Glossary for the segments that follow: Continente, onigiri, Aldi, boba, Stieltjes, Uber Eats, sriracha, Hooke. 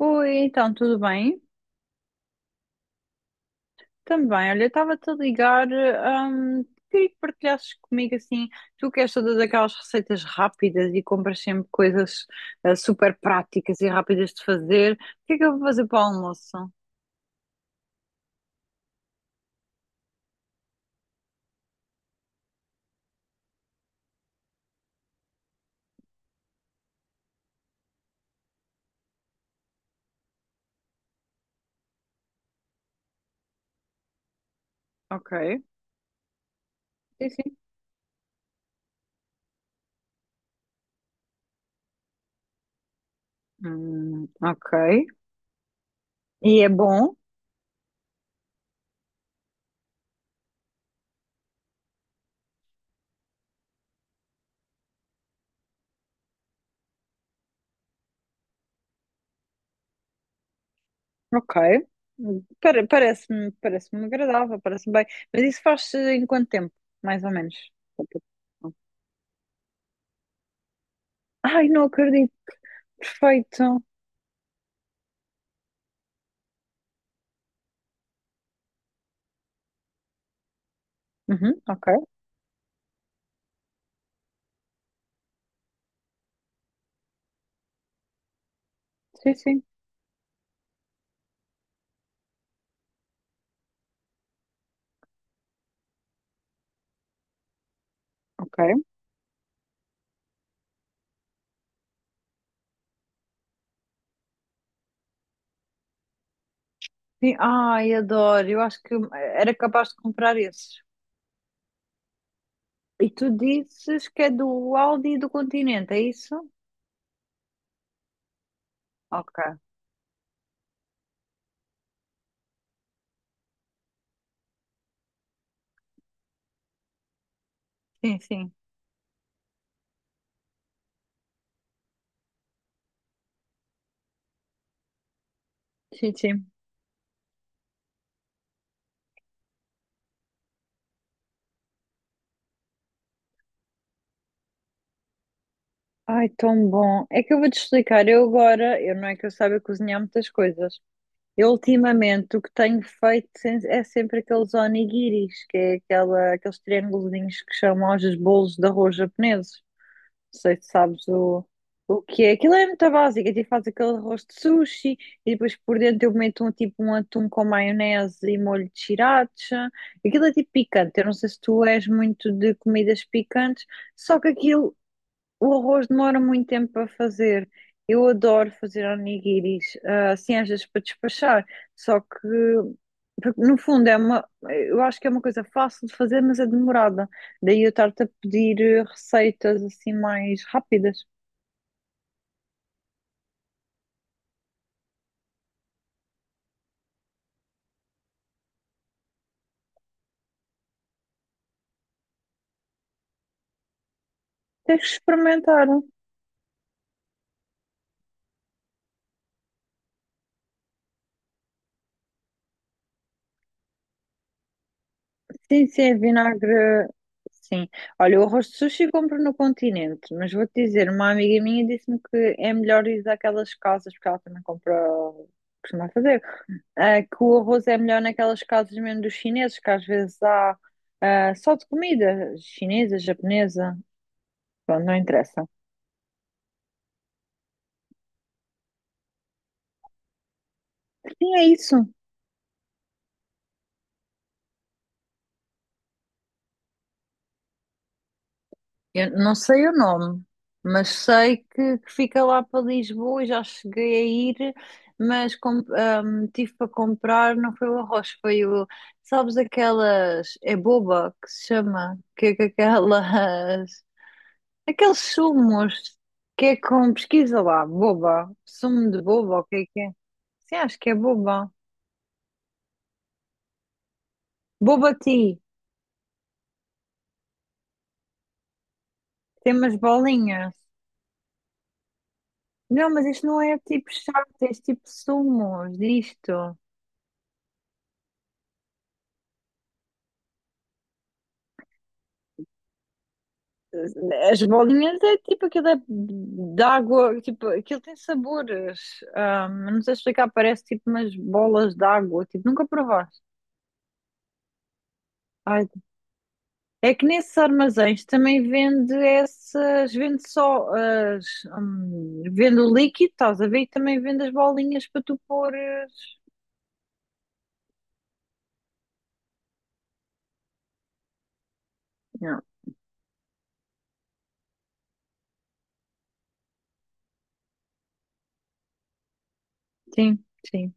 Oi, então, tudo bem? Também, olha, eu estava-te a ligar, queria que partilhasses comigo assim, tu queres todas aquelas receitas rápidas e compras sempre coisas super práticas e rápidas de fazer, o que é que eu vou fazer para o almoço? Ok, sim, sim. Ok, e é bom? Ok. Parece-me agradável, parece-me bem, mas isso faz-se em quanto tempo, mais ou menos? Ai, não acredito, perfeito. Uhum, ok, sim, sim. Ok. Sim, ai, adoro. Eu acho que era capaz de comprar esses. E tu dizes que é do Aldi e do Continente, é isso? Ok. Sim, sim. Sim, sim. Ai, tão bom. É que eu vou-te explicar. Eu agora, eu não é que eu saiba cozinhar muitas coisas. Eu ultimamente o que tenho feito é sempre aqueles onigiris, que é aquela, aqueles triângulos que chamam aos bolos de arroz japoneses. Não sei se sabes o que é. Aquilo é muito básico. A gente faz aquele arroz de sushi e depois por dentro eu meto um, tipo um atum com maionese e molho de sriracha. Aquilo é tipo picante. Eu não sei se tu és muito de comidas picantes, só que aquilo o arroz demora muito tempo para fazer. Eu adoro fazer onigiris, assim às vezes para despachar. Só que, porque, no fundo, é uma, eu acho que é uma coisa fácil de fazer, mas é demorada. Daí eu estar-te a pedir receitas assim mais rápidas. Tens que experimentar. Sim, sim, é vinagre. Sim. Olha, o arroz de sushi compro no continente, mas vou-te dizer, uma amiga minha disse-me que é melhor ir daquelas casas, porque ela também compra, costuma fazer, que o arroz é melhor naquelas casas mesmo dos chineses, que às vezes há só de comida chinesa, japonesa, pronto, não interessa. Sim, é isso. Eu não sei o nome, mas sei que fica lá para Lisboa e já cheguei a ir, mas tive para comprar, não foi o arroz, foi o, sabes aquelas, é boba que se chama, que é que aquelas, aqueles sumos, que é com, pesquisa lá, boba, sumo de boba, o que é que é? Sim, acho que é boba. Boba tea, tem umas bolinhas. Não, mas isto não é tipo chá, é tipo sumos disto. As bolinhas é tipo aquilo é de água, tipo, aquilo tem sabores. Ah, não sei explicar, parece tipo umas bolas de água, tipo, nunca provaste. Ai, é que nesses armazéns também vende essas, vende só as, vende o líquido, estás a ver? E também vende as bolinhas para tu pôres. Não, sim, sim.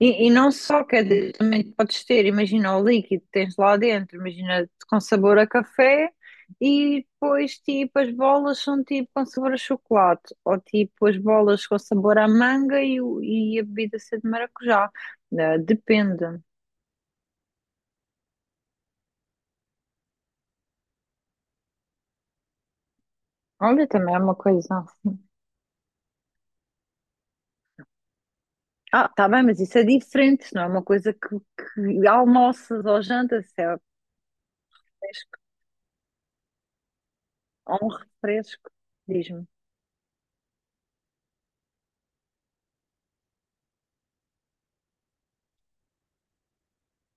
E não só, quer dizer, também podes ter, imagina o líquido que tens lá dentro, imagina com sabor a café, e depois tipo as bolas são tipo com sabor a chocolate, ou tipo as bolas com sabor a manga e, e a bebida ser de maracujá. Depende. Olha, também é uma coisa. Ah, tá bem, mas isso é diferente, não é uma coisa que almoças ou jantas, é fresco, ou um refresco, diz-me.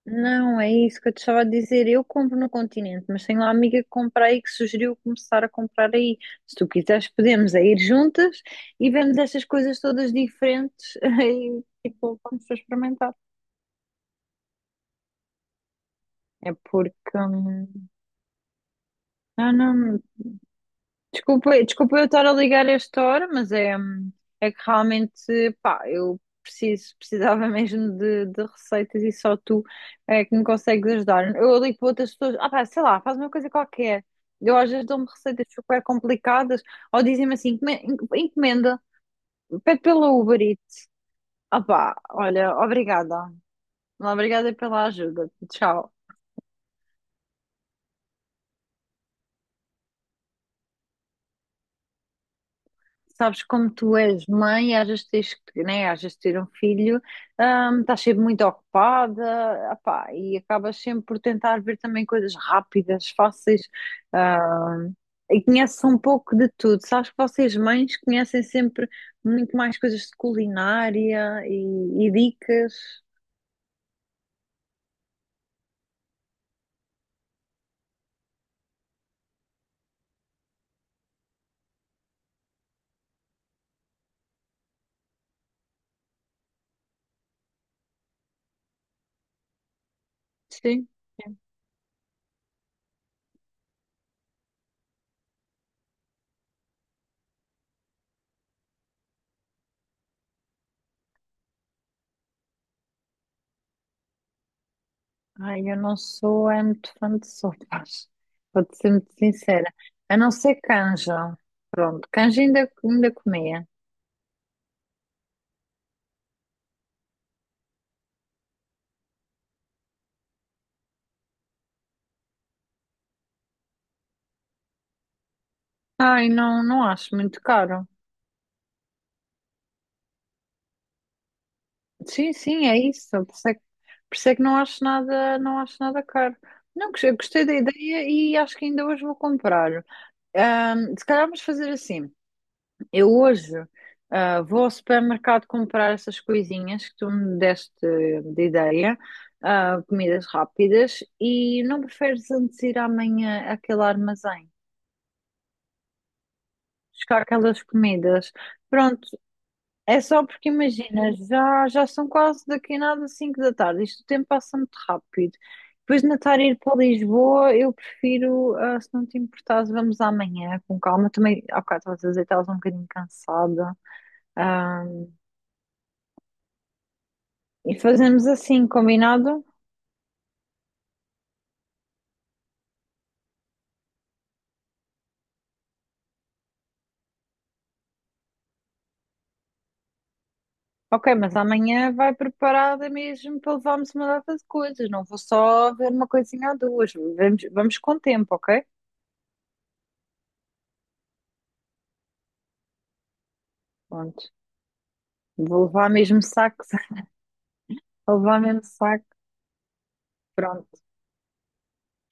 Não, é isso que eu te estava a dizer. Eu compro no Continente, mas tenho lá uma amiga que compra aí que sugeriu começar a comprar aí. Se tu quiseres, podemos é ir juntas e vemos estas coisas todas diferentes e tipo, vamos para experimentar. É porque. Não, não. Desculpa, desculpa eu estar a ligar a esta hora, mas é, é que realmente, pá, eu preciso, precisava mesmo de receitas e só tu é que me consegues ajudar. Eu ligo para outras pessoas, ah pá, sei lá, faz uma coisa qualquer. Eu às vezes dou-me receitas super complicadas, ou dizem-me assim, encomenda, pede pela Uber Eats." Ah pá, olha, obrigada. Obrigada pela ajuda. Tchau. Sabes, como tu és mãe, às vezes tens que, né, às vezes ter um filho, estás sempre muito ocupada, apá, e acabas sempre por tentar ver também coisas rápidas, fáceis, hum, e conheces um pouco de tudo. Sabes que vocês mães conhecem sempre muito mais coisas de culinária e dicas. Sim. Ai, eu não sou é muito fã de sopas, vou-te ser muito sincera. A não ser canja. Pronto, canja ainda, ainda comi. Ai, não, não acho muito caro. Sim, sim, é isso. Por isso é que, por isso é que não acho nada, não acho nada caro. Não, gostei da ideia e acho que ainda hoje vou comprar. Se calhar vamos fazer assim. Eu hoje, vou ao supermercado comprar essas coisinhas que tu me deste de ideia, comidas rápidas, e não preferes antes ir amanhã àquele armazém, buscar aquelas comidas. Pronto, é só porque imagina, já, já são quase daqui a nada 5 da tarde, isto o tempo passa muito rápido. Depois de Natar ir para Lisboa, eu prefiro, se não te importares, vamos amanhã com calma. Também, há bocado estás a dizer que estavas um bocadinho cansada. Ah, e fazemos assim, combinado? Ok, mas amanhã vai preparada mesmo para levarmos uma data de coisas. Não vou só ver uma coisinha ou duas. Vamos, vamos com tempo, ok? Pronto. Vou levar mesmo sacos, vou levar mesmo saco. Pronto.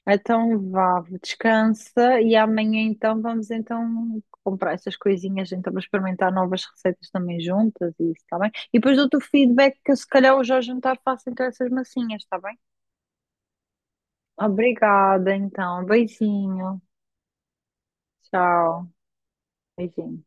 Então vá, descansa e amanhã então vamos então comprar essas coisinhas, então vamos experimentar novas receitas também juntas e isso, está bem? E depois dou-te o feedback que se calhar hoje ao jantar faço então essas massinhas, está bem? Obrigada então, beijinho, tchau, beijinho.